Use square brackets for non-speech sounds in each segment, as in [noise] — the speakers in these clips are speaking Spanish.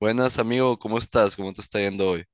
Buenas, amigo, ¿cómo estás? ¿Cómo te está yendo hoy?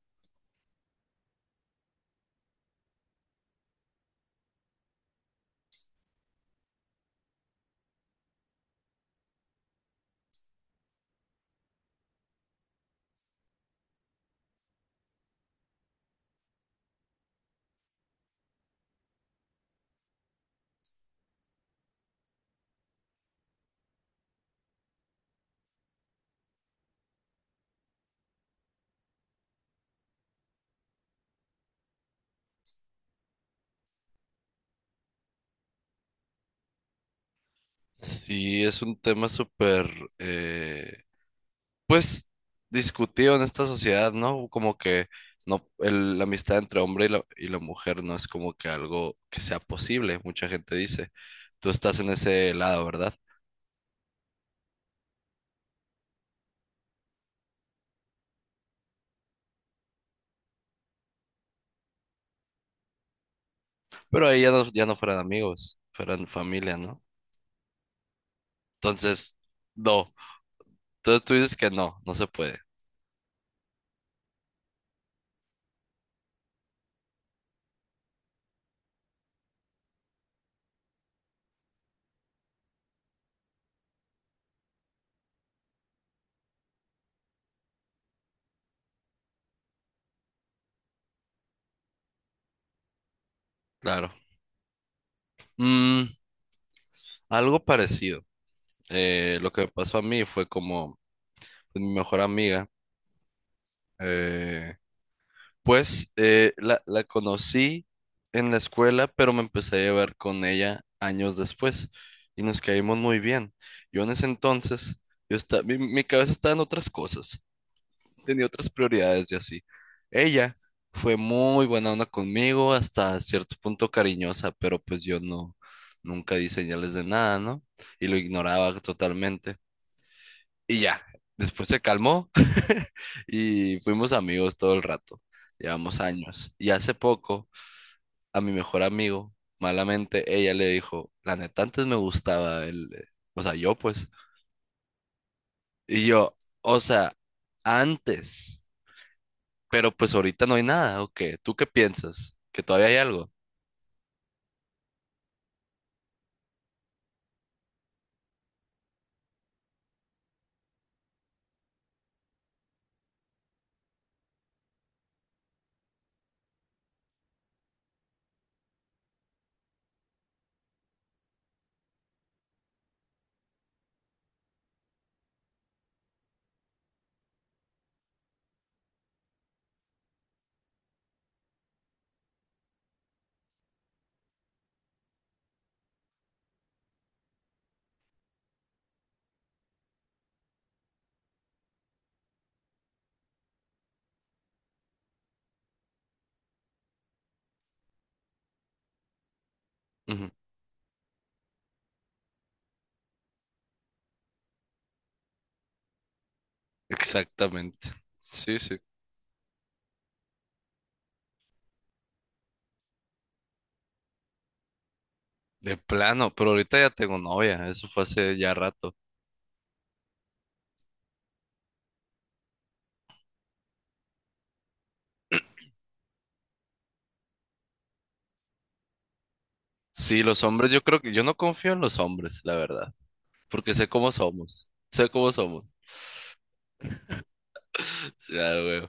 Sí, es un tema súper, eh, pues, discutido en esta sociedad, ¿no? Como que no, la amistad entre hombre y la mujer no es como que algo que sea posible, mucha gente dice. Tú estás en ese lado, ¿verdad? Pero ahí ya no, ya no fueran amigos, fueran familia, ¿no? Entonces, no. Entonces tú dices que no, no se puede, claro. Mm, algo parecido. Lo que me pasó a mí fue como pues, mi mejor amiga. Eh, pues la conocí en la escuela, pero me empecé a llevar con ella años después y nos caímos muy bien. Yo en ese entonces, mi cabeza estaba en otras cosas, tenía otras prioridades y así. Ella fue muy buena onda conmigo, hasta cierto punto cariñosa, pero pues yo no, nunca di señales de nada, ¿no? Y lo ignoraba totalmente. Y ya, después se calmó [laughs] y fuimos amigos todo el rato. Llevamos años. Y hace poco, a mi mejor amigo, malamente, ella le dijo, la neta, antes me gustaba él, o sea, yo pues. Y yo, o sea, antes, pero pues ahorita no hay nada, ¿o qué? ¿Tú qué piensas? ¿Que todavía hay algo? Ujú. Exactamente. Sí, sí. De plano, pero ahorita ya tengo novia, eso fue hace ya rato. Sí, los hombres, yo creo que yo no confío en los hombres, la verdad. Porque sé cómo somos, sé cómo somos. [laughs] Ya, güey,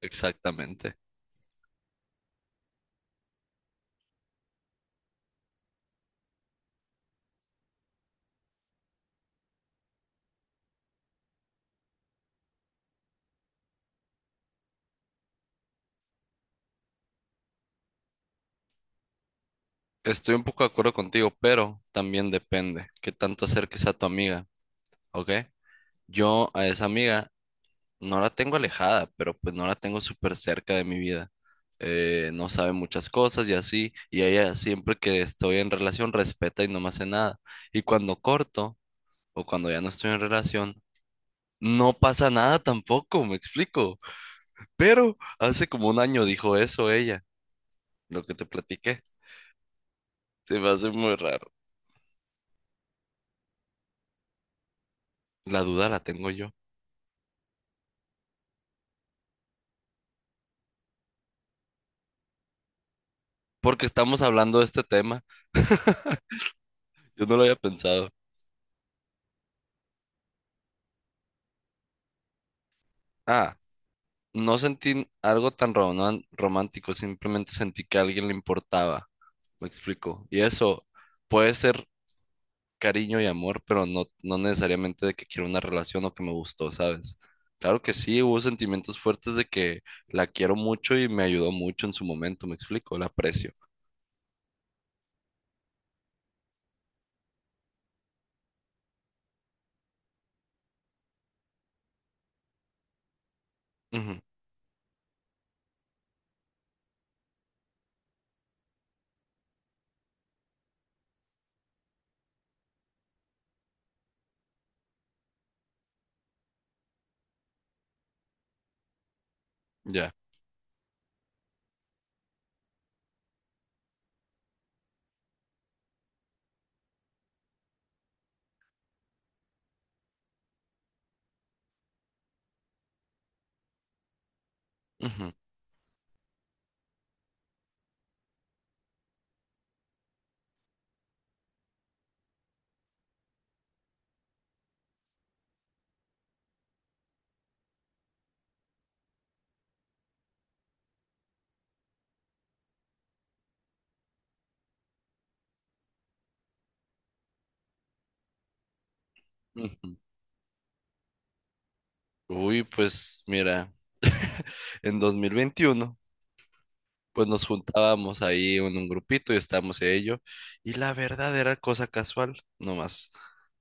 exactamente. Estoy un poco de acuerdo contigo, pero también depende qué tanto acerques a tu amiga, ¿ok? Yo a esa amiga no la tengo alejada, pero pues no la tengo súper cerca de mi vida. No sabe muchas cosas y así, y ella siempre que estoy en relación respeta y no me hace nada. Y cuando corto o cuando ya no estoy en relación, no pasa nada tampoco, me explico. Pero hace como un año dijo eso ella, lo que te platiqué. Se me hace muy raro. La duda la tengo yo. Porque estamos hablando de este tema. Yo no lo había pensado. Ah, no sentí algo tan romántico. Simplemente sentí que a alguien le importaba. Me explico. Y eso puede ser cariño y amor, pero no, no necesariamente de que quiero una relación o que me gustó, ¿sabes? Claro que sí, hubo sentimientos fuertes de que la quiero mucho y me ayudó mucho en su momento, me explico, la aprecio. Ujú, ya. Ujú, ujú. Uy, pues mira, en 2021, pues nos juntábamos ahí en un grupito y estábamos en ello. Y la verdad era cosa casual, nomás.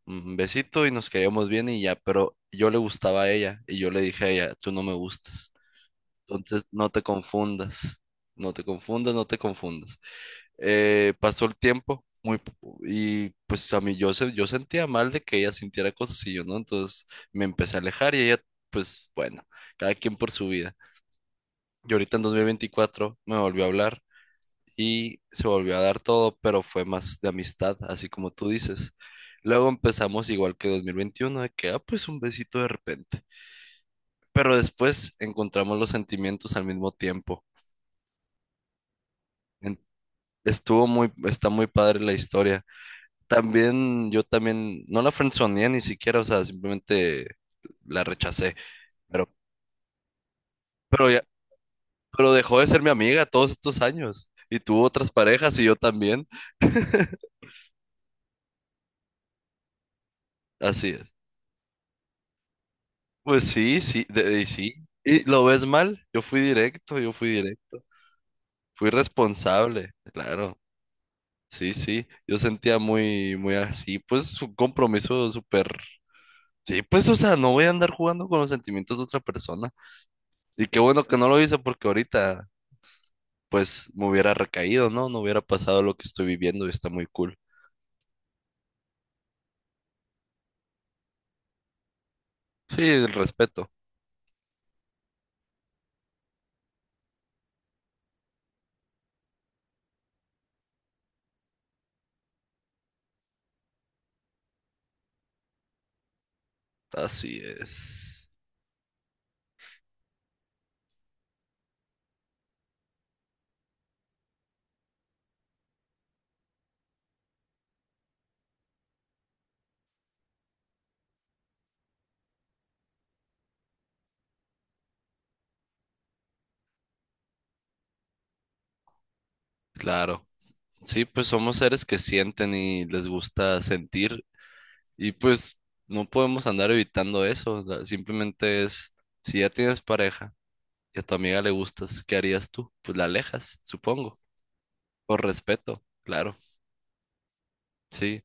Un besito y nos caíamos bien y ya, pero yo le gustaba a ella y yo le dije a ella, tú no me gustas. Entonces no te confundas, no te confundas, no te confundas. Pasó el tiempo. Y pues a mí yo sentía mal de que ella sintiera cosas y yo no, entonces me empecé a alejar y ella, pues bueno, cada quien por su vida. Y ahorita en 2024 me volvió a hablar y se volvió a dar todo, pero fue más de amistad, así como tú dices. Luego empezamos igual que 2021, de que, ah, pues un besito de repente. Pero después encontramos los sentimientos al mismo tiempo. En- Estuvo está muy padre la historia. También, yo también, no la friendzoneé ni siquiera, o sea, simplemente la rechacé. Pero, pero ya, pero dejó de ser mi amiga todos estos años. Y tuvo otras parejas y yo también. Así es. Pues sí, sí, y sí. ¿Y lo ves mal? Yo fui directo, yo fui directo. Fui responsable, claro. Sí, sí. Yo sentía muy así, pues un compromiso súper. Sí, pues, o sea, no voy a andar jugando con los sentimientos de otra persona. Y qué bueno que no lo hice porque ahorita, pues, me hubiera recaído, ¿no? No hubiera pasado lo que estoy viviendo y está muy cool. Sí, el respeto. Así es. Claro. Sí, pues somos seres que sienten y les gusta sentir. Y pues no podemos andar evitando eso, o sea, simplemente es, si ya tienes pareja y a tu amiga le gustas, ¿qué harías tú? Pues la alejas, supongo, por respeto, claro, sí.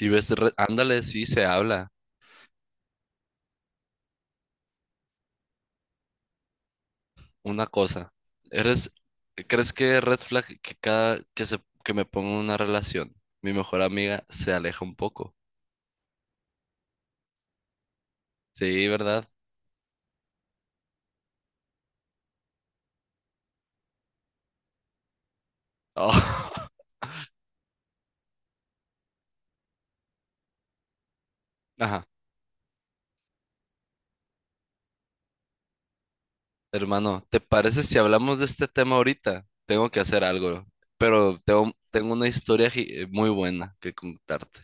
Y ves, ándale, sí se habla una cosa. ¿Eres, ¿crees que red flag que cada que me pongo en una relación, mi mejor amiga se aleja un poco? Sí, ¿verdad? [laughs] Oh. Ajá. Hermano, ¿te parece si hablamos de este tema ahorita? Tengo que hacer algo, pero tengo, tengo una historia muy buena que contarte.